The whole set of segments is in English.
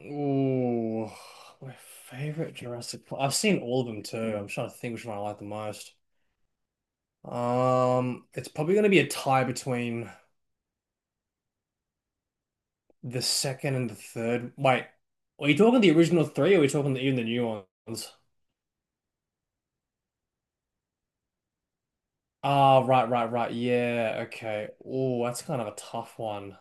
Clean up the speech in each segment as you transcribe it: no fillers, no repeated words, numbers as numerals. Ooh, my favorite Jurassic Park. I've seen all of them too. I'm trying to think which one I like the most. It's probably going to be a tie between the second and the third. Wait, are you talking the original three, or are we talking even the new ones? Ah, right, right, right. Yeah, okay. Oh, that's kind of a tough one.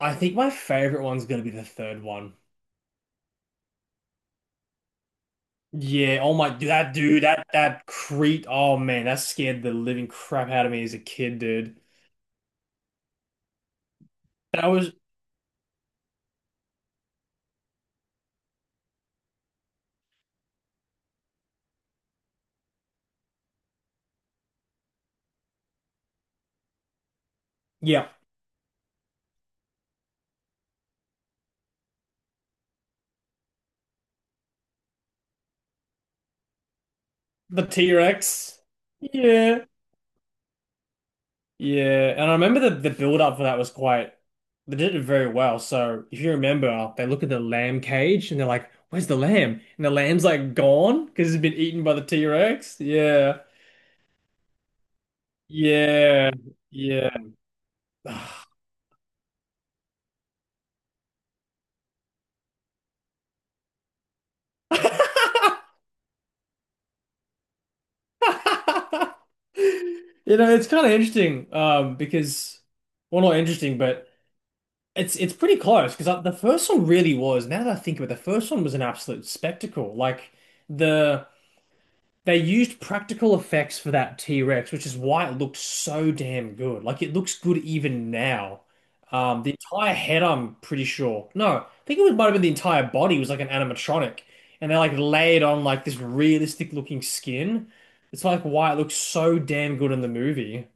I think my favorite one's going to be the third one. Yeah, oh my, that dude, that creep. Oh man, that scared the living crap out of me as a kid, dude. That was. Yeah, the T-Rex. Yeah. Yeah. And I remember the build up for that was quite they did it very well. So if you remember, they look at the lamb cage and they're like, "Where's the lamb?" And the lamb's like gone because it's been eaten by the T-Rex. Yeah. Yeah. Yeah. It's kind of interesting, because well not interesting, but it's pretty close because the first one really was. Now that I think of it, the first one was an absolute spectacle. Like the they used practical effects for that T-Rex, which is why it looked so damn good. Like it looks good even now. The entire head, I'm pretty sure. No, I think it was might have been the entire body was like an animatronic, and they like laid on like this realistic looking skin. It's like why it looks so damn good in the movie.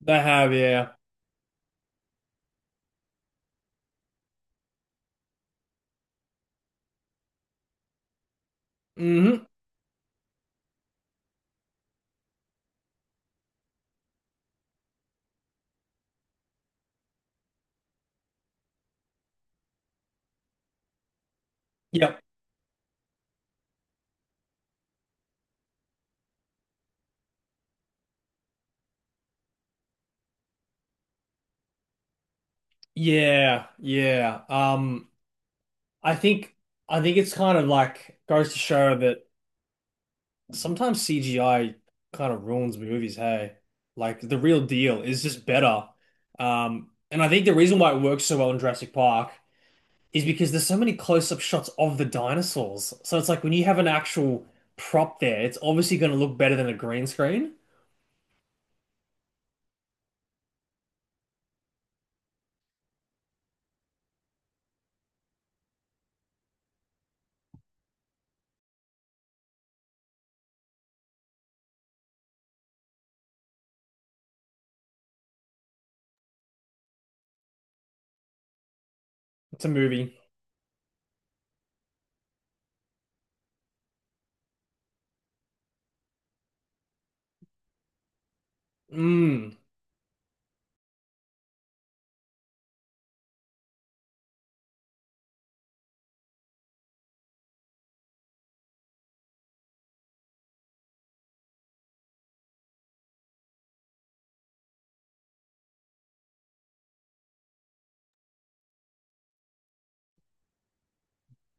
They have, yeah. Hmm. Yep. Yeah, yeah. I think I think it's kind of like goes to show that sometimes CGI kind of ruins movies, hey. Like the real deal is just better. And I think the reason why it works so well in Jurassic Park is because there's so many close-up shots of the dinosaurs. So it's like when you have an actual prop there, it's obviously going to look better than a green screen. It's a movie. Mm,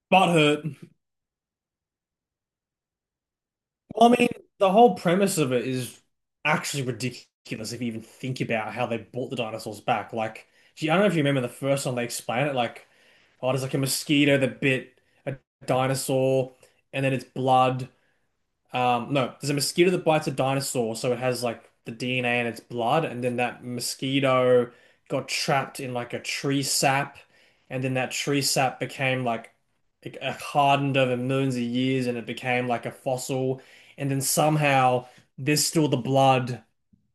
butt hurt. Well, I mean, the whole premise of it is actually ridiculous if you even think about how they brought the dinosaurs back. Like, gee, I don't know if you remember the first time they explain it, like, oh, there's like a mosquito that bit a dinosaur, and then it's blood. No, there's a mosquito that bites a dinosaur, so it has like the DNA in its blood, and then that mosquito got trapped in like a tree sap, and then that tree sap became like it hardened over millions of years, and it became like a fossil, and then somehow there's still the blood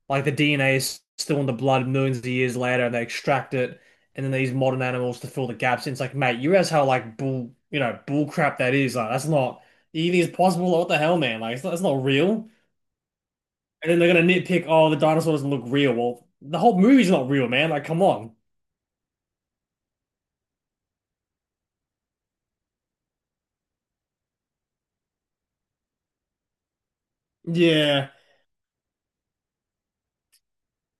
like the DNA is still in the blood millions of years later, and they extract it, and then they use modern animals to fill the gaps. And it's like, mate, you realize how like bull, you know, bull crap that is. Like that's not even is possible. Like, what the hell, man? Like it's not real. And then they're gonna nitpick, oh, the dinosaur doesn't look real. Well, the whole movie's not real, man. Like, come on. Yeah.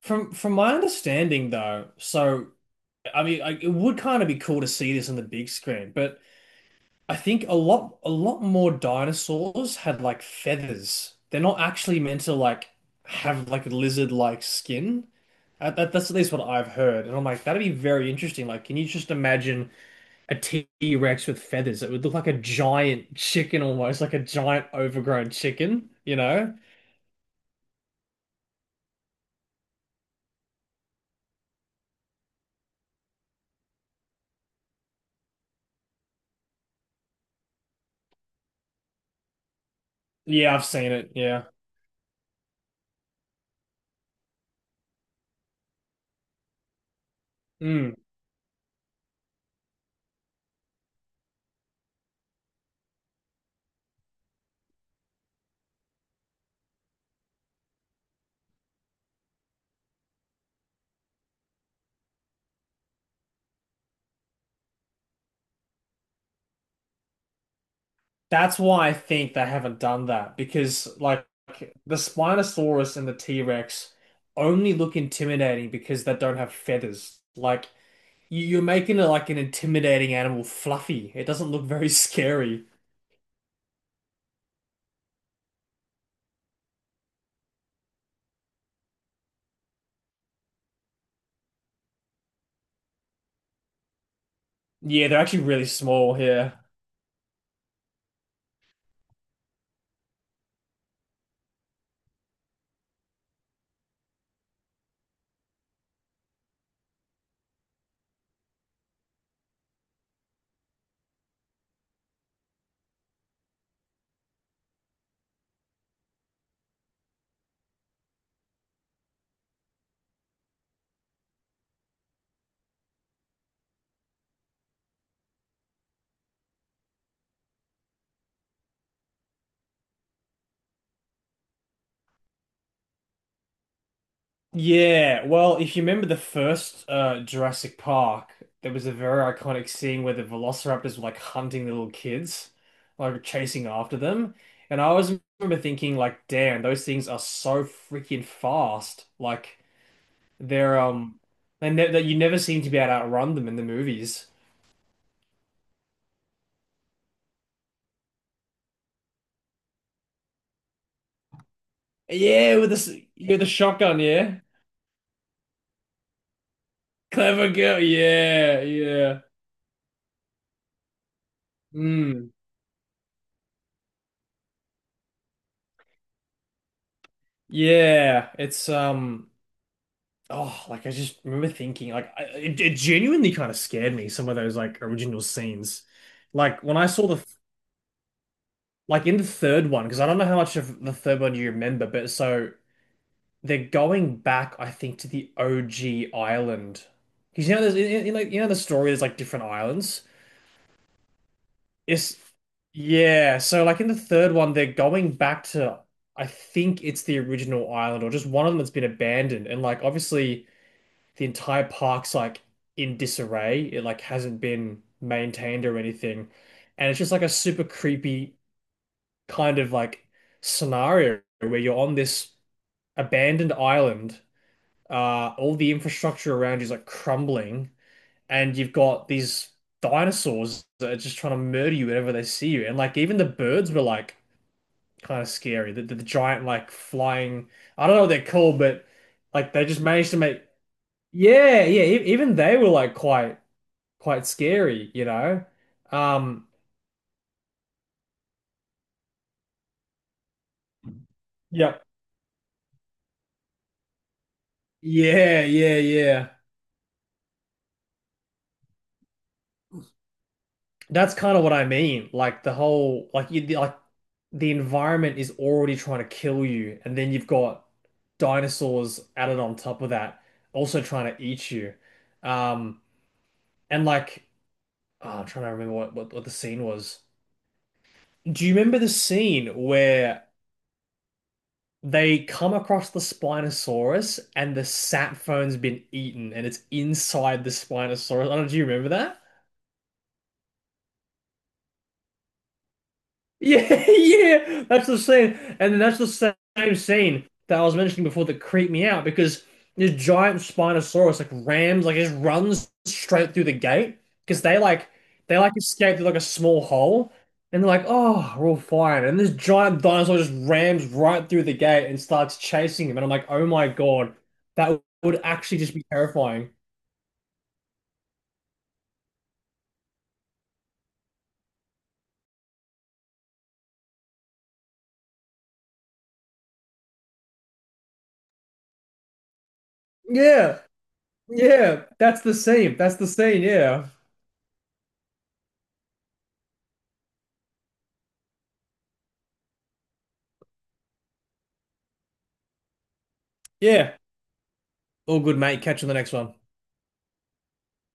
From my understanding, though, so I mean, I, it would kind of be cool to see this on the big screen, but. I think a lot more dinosaurs had like feathers. They're not actually meant to like have like a lizard-like skin. That's at least what I've heard. And I'm like, that'd be very interesting. Like, can you just imagine a T-Rex with feathers? It would look like a giant chicken almost, like a giant overgrown chicken, you know? Yeah, I've seen it. Yeah. Mm. That's why I think they haven't done that because, like, the Spinosaurus and the T-Rex only look intimidating because they don't have feathers. Like, you're making it like an intimidating animal fluffy. It doesn't look very scary. Yeah, they're actually really small here. Yeah, well, if you remember the first Jurassic Park, there was a very iconic scene where the velociraptors were like hunting the little kids, like chasing after them. And I always remember thinking, like, damn, those things are so freaking fast. Like, they're and ne that you never seem to be able to outrun them in the movies. Yeah, with this, with the shotgun, yeah, clever girl, yeah, yeah, mm, yeah. It's. Oh, like I just remember thinking, like it, it genuinely kind of scared me. Some of those like original scenes, like when I saw the like in the third one, because I don't know how much of the third one you remember, but so they're going back, I think, to the OG island, because you know there's like you know the story there's like different islands. It's yeah, so like in the third one they're going back to I think it's the original island or just one of them that's been abandoned, and like obviously the entire park's like in disarray. It like hasn't been maintained or anything. And it's just like a super creepy kind of like scenario where you're on this abandoned island. All the infrastructure around you is like crumbling, and you've got these dinosaurs that are just trying to murder you whenever they see you. And like even the birds were like kind of scary. The giant like flying, I don't know what they're called, but like they just managed to make yeah, yeah. Even they were like quite scary, you know? Um, Yeah. Yeah, yeah, yeah. That's kind of what I mean. Like the whole, like you, like the environment is already trying to kill you, and then you've got dinosaurs added on top of that, also trying to eat you. Um, and like, oh, I'm trying to remember what the scene was. Do you remember the scene where? They come across the Spinosaurus and the sap phone's been eaten and it's inside the Spinosaurus. I don't know, do you remember that? Yeah, yeah, that's the same, and that's the same scene that I was mentioning before that creeped me out because this giant Spinosaurus like rams, like just runs straight through the gate because they like escape through like a small hole, and they're like, oh, we're all fine, and this giant dinosaur just rams right through the gate and starts chasing him, and I'm like, oh my God, that would actually just be terrifying. Yeah, yeah, that's the scene. That's the scene. Yeah, yeah. All good, mate. Catch you in the next one.